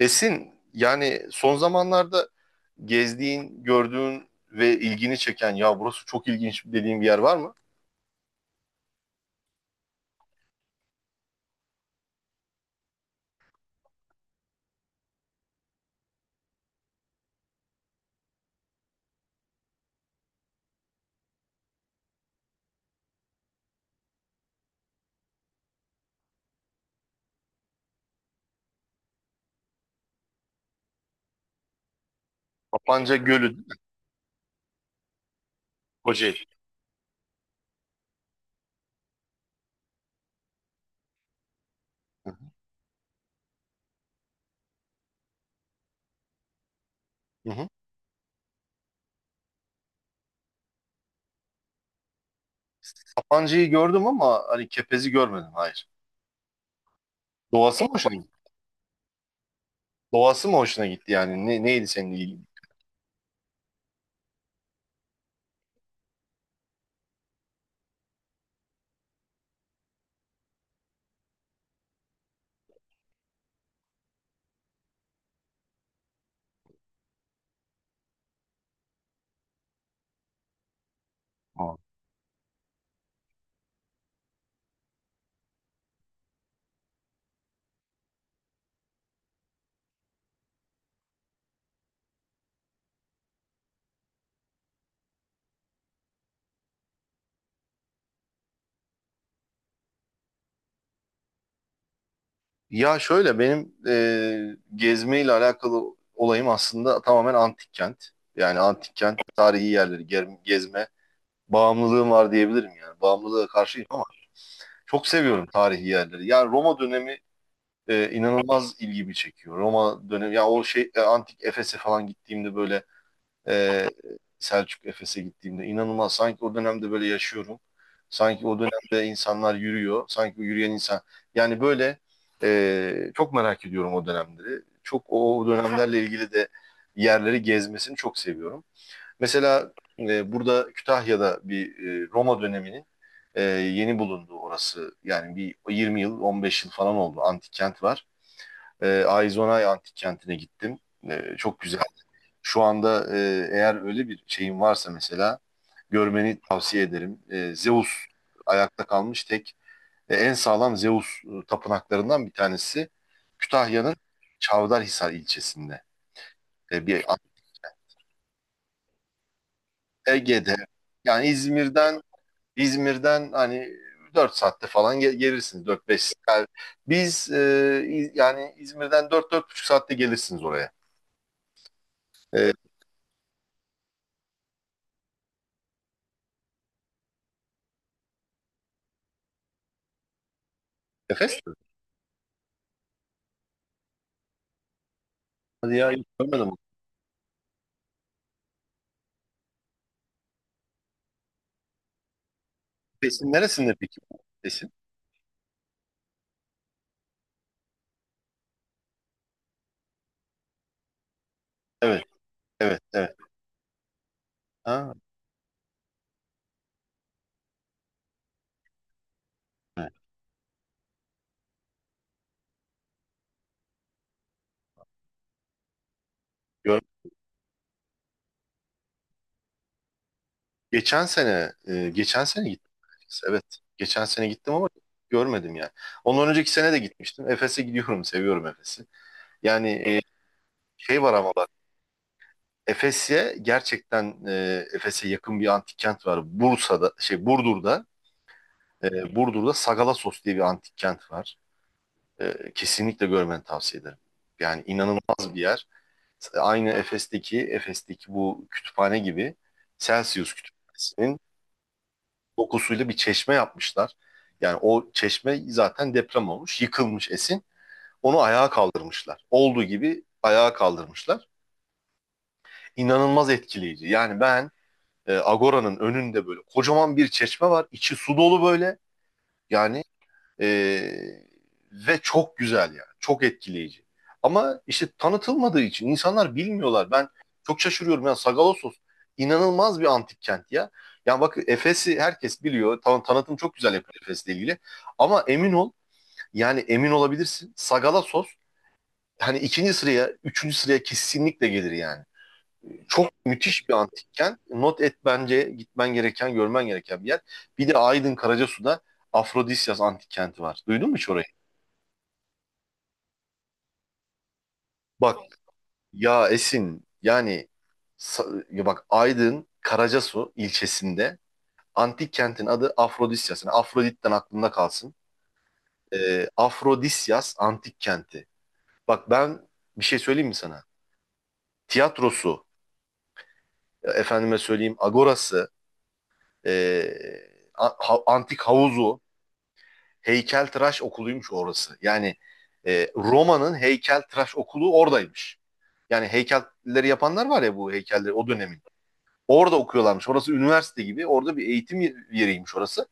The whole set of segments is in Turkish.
Esin, yani son zamanlarda gezdiğin, gördüğün ve ilgini çeken ya burası çok ilginç dediğin bir yer var mı? Papanca Gölü değil mi? Kocaeli. Hı hı. Hı hı. Papanca'yı gördüm ama hani Kepez'i görmedim. Hayır. Doğası mı hoşuna gitti? Doğası mı hoşuna gitti yani? Ne, neydi senin ilgin? Aa. Ya şöyle benim gezmeyle alakalı olayım aslında tamamen antik kent. Yani antik kent, tarihi yerleri, gezme bağımlılığım var diyebilirim yani. Bağımlılığa karşıyım ama çok seviyorum tarihi yerleri. Yani Roma dönemi inanılmaz ilgimi çekiyor. Roma dönemi ya o şey antik Efes'e falan gittiğimde böyle e, Selçuk Efes'e gittiğimde inanılmaz sanki o dönemde böyle yaşıyorum. Sanki o dönemde insanlar yürüyor. Sanki o yürüyen insan. Yani böyle çok merak ediyorum o dönemleri. Çok o dönemlerle ilgili de yerleri gezmesini çok seviyorum. Mesela burada Kütahya'da bir Roma döneminin yeni bulunduğu orası yani bir 20 yıl 15 yıl falan oldu antik kent var. Aizonay antik kentine gittim. Çok güzel. Şu anda eğer öyle bir şeyin varsa mesela görmeni tavsiye ederim. Zeus ayakta kalmış tek en sağlam Zeus tapınaklarından bir tanesi Kütahya'nın Çavdarhisar ilçesinde. E, bir Ege'de yani İzmir'den hani 4 saatte falan gelirsiniz dört beş. Saat. Yani biz yani İzmir'den 4 4,5 saatte gelirsiniz oraya. E, Efes mi? Hadi ya hiç görmedim. Efes'in neresinde peki? Efes'in? Evet, evet, evet. Ha, evet. Gör- geçen sene gittim. Efes'e, evet. Geçen sene gittim ama görmedim yani. Ondan önceki sene de gitmiştim. Efes'e gidiyorum. Seviyorum Efes'i. Yani şey var ama Efes'e gerçekten Efes'e yakın bir antik kent var. Bursa'da şey Burdur'da Sagalassos diye bir antik kent var. Kesinlikle görmeni tavsiye ederim. Yani inanılmaz bir yer. Aynı Efes'teki bu kütüphane gibi Celsius kütüphanesinin dokusuyla bir çeşme yapmışlar. Yani o çeşme zaten deprem olmuş, yıkılmış Esin. Onu ayağa kaldırmışlar. Olduğu gibi ayağa kaldırmışlar. İnanılmaz etkileyici. Yani ben Agora'nın önünde böyle kocaman bir çeşme var. İçi su dolu böyle. Yani e, ve çok güzel yani. Çok etkileyici. Ama işte tanıtılmadığı için insanlar bilmiyorlar. Ben çok şaşırıyorum. Yani Sagalassos inanılmaz bir antik kent ya. Yani bak Efes'i herkes biliyor. Tanıtım çok güzel yapıyor Efes'le ilgili. Ama emin ol yani emin olabilirsin. Sagalassos hani ikinci sıraya, üçüncü sıraya kesinlikle gelir yani. Çok müthiş bir antikken not et bence gitmen gereken, görmen gereken bir yer. Bir de Aydın Karacasu'da Afrodisyas antik kenti var. Duydun mu hiç orayı? Bak ya Esin yani ya bak Aydın Karacasu ilçesinde antik kentin adı Afrodisyas. Yani Afrodit'ten aklında kalsın. Afrodisyas antik kenti. Bak ben bir şey söyleyeyim mi sana? Tiyatrosu, efendime söyleyeyim agorası, e, antik havuzu, heykeltıraş okuluymuş orası. Yani Roma'nın heykeltıraş okulu oradaymış. Yani heykelleri yapanlar var ya bu heykelleri o dönemin. Orada okuyorlarmış. Orası üniversite gibi. Orada bir eğitim yeriymiş orası.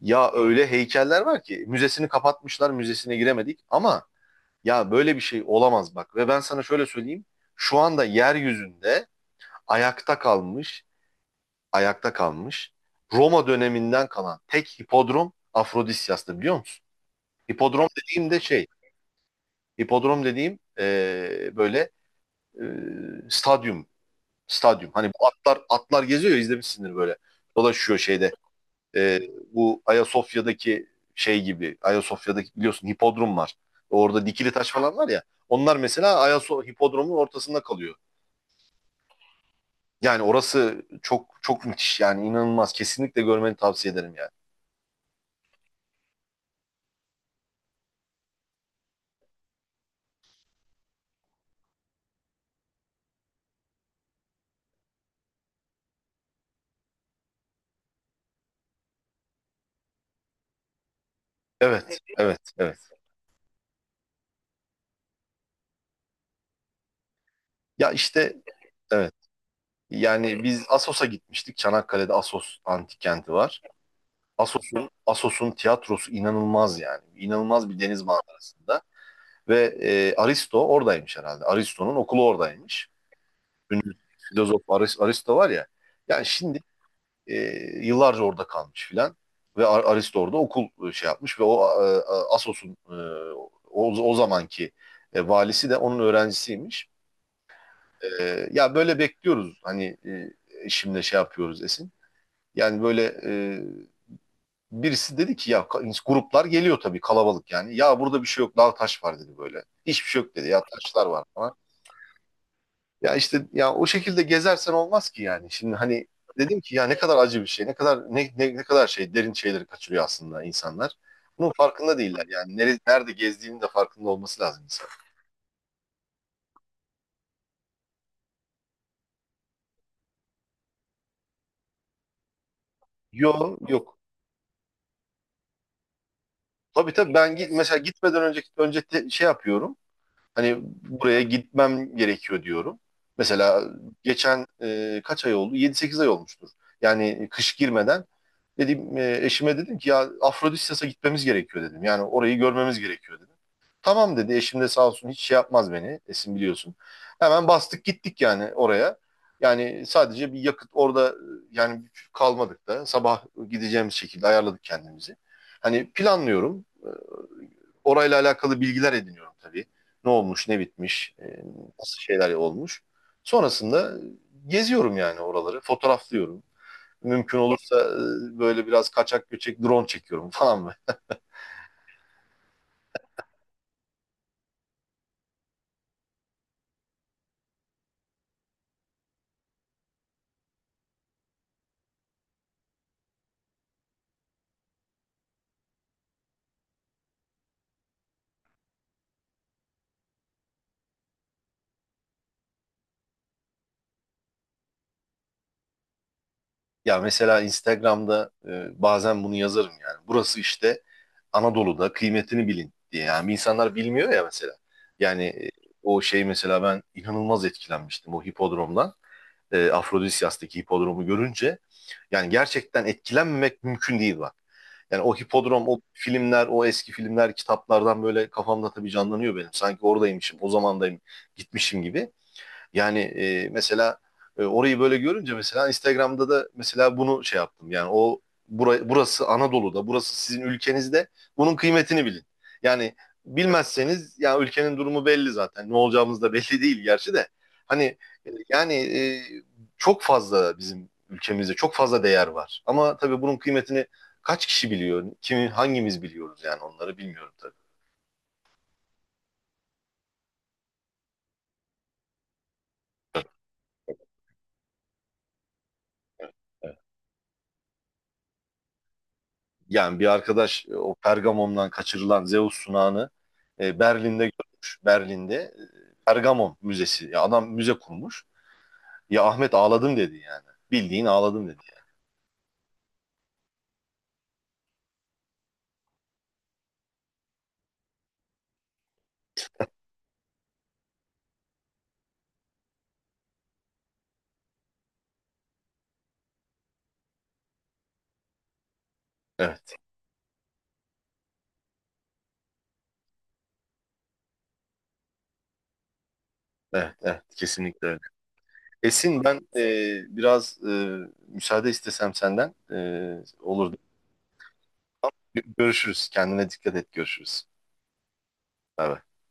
Ya öyle heykeller var ki müzesini kapatmışlar, müzesine giremedik ama ya böyle bir şey olamaz bak. Ve ben sana şöyle söyleyeyim. Şu anda yeryüzünde ayakta kalmış, ayakta kalmış Roma döneminden kalan tek hipodrom Afrodisyas'tı biliyor musun? Hipodrom dediğim de şey, hipodrom dediğim böyle e, stadyum. Stadyum. Hani bu atlar geziyor ya izlemişsindir böyle. Dolaşıyor şeyde. E, bu Ayasofya'daki şey gibi. Ayasofya'daki biliyorsun hipodrom var. Orada dikili taş falan var ya. Onlar mesela Ayasofya hipodromun ortasında kalıyor. Yani orası çok çok müthiş yani inanılmaz. Kesinlikle görmeni tavsiye ederim yani. Evet, evet, evet. Ya işte evet. Yani biz Assos'a gitmiştik. Çanakkale'de Assos antik kenti var. Assos'un tiyatrosu inanılmaz yani. İnanılmaz bir deniz manzarasında ve Aristo oradaymış herhalde. Aristo'nun okulu oradaymış. Filozof Aristo var ya. Yani şimdi e, yıllarca orada kalmış filan ve Aristo orada okul şey yapmış ve o Assos'un o zamanki valisi de onun öğrencisiymiş. Ya böyle bekliyoruz hani şimdi şey yapıyoruz Esin. Yani böyle birisi dedi ki ya gruplar geliyor tabii kalabalık yani. Ya burada bir şey yok daha taş var dedi böyle. Hiçbir şey yok dedi ya taşlar var falan. Ya işte ya o şekilde gezersen olmaz ki yani. Şimdi hani dedim ki ya ne kadar acı bir şey. Ne kadar ne kadar şey derin şeyleri kaçırıyor aslında insanlar. Bunun farkında değiller yani. Nerede, nerede gezdiğinin de farkında olması lazım insan. Yok yok. Tabii tabii ben git, mesela gitmeden önceki önce şey yapıyorum. Hani buraya gitmem gerekiyor diyorum. Mesela geçen kaç ay oldu? 7 8 ay olmuştur. Yani kış girmeden dedim eşime dedim ki ya Afrodisyas'a gitmemiz gerekiyor dedim. Yani orayı görmemiz gerekiyor dedim. Tamam dedi. Eşim de sağ olsun hiç şey yapmaz beni. Esin biliyorsun. Hemen bastık gittik yani oraya. Yani sadece bir yakıt orada yani kalmadık da sabah gideceğimiz şekilde ayarladık kendimizi. Hani planlıyorum. Orayla alakalı bilgiler ediniyorum tabii. Ne olmuş, ne bitmiş, nasıl şeyler olmuş. Sonrasında geziyorum yani oraları, fotoğraflıyorum. Mümkün olursa böyle biraz kaçak göçek drone çekiyorum falan. Ya mesela Instagram'da bazen bunu yazarım yani. Burası işte Anadolu'da kıymetini bilin diye. Yani insanlar bilmiyor ya mesela. Yani o şey mesela ben inanılmaz etkilenmiştim o hipodromdan. Afrodisyas'taki hipodromu görünce. Yani gerçekten etkilenmemek mümkün değil bak. Yani o hipodrom, o filmler, o eski filmler, kitaplardan böyle kafamda tabii canlanıyor benim. Sanki oradaymışım, o zamandayım, gitmişim gibi. Yani mesela orayı böyle görünce mesela Instagram'da da mesela bunu şey yaptım. Yani o burası Anadolu'da, burası sizin ülkenizde. Bunun kıymetini bilin. Yani bilmezseniz ya ülkenin durumu belli zaten. Ne olacağımız da belli değil gerçi de. Hani yani çok fazla bizim ülkemizde çok fazla değer var. Ama tabii bunun kıymetini kaç kişi biliyor? Kimi hangimiz biliyoruz yani onları bilmiyorum tabii. Yani bir arkadaş o Pergamon'dan kaçırılan Zeus sunağını Berlin'de görmüş. Berlin'de Pergamon Müzesi. Ya adam müze kurmuş. Ya Ahmet ağladım dedi yani. Bildiğin ağladım dedi. Evet, evet, evet. Kesinlikle öyle. Esin ben biraz müsaade istesem senden olur. Görüşürüz. Kendine dikkat et. Görüşürüz. Evet.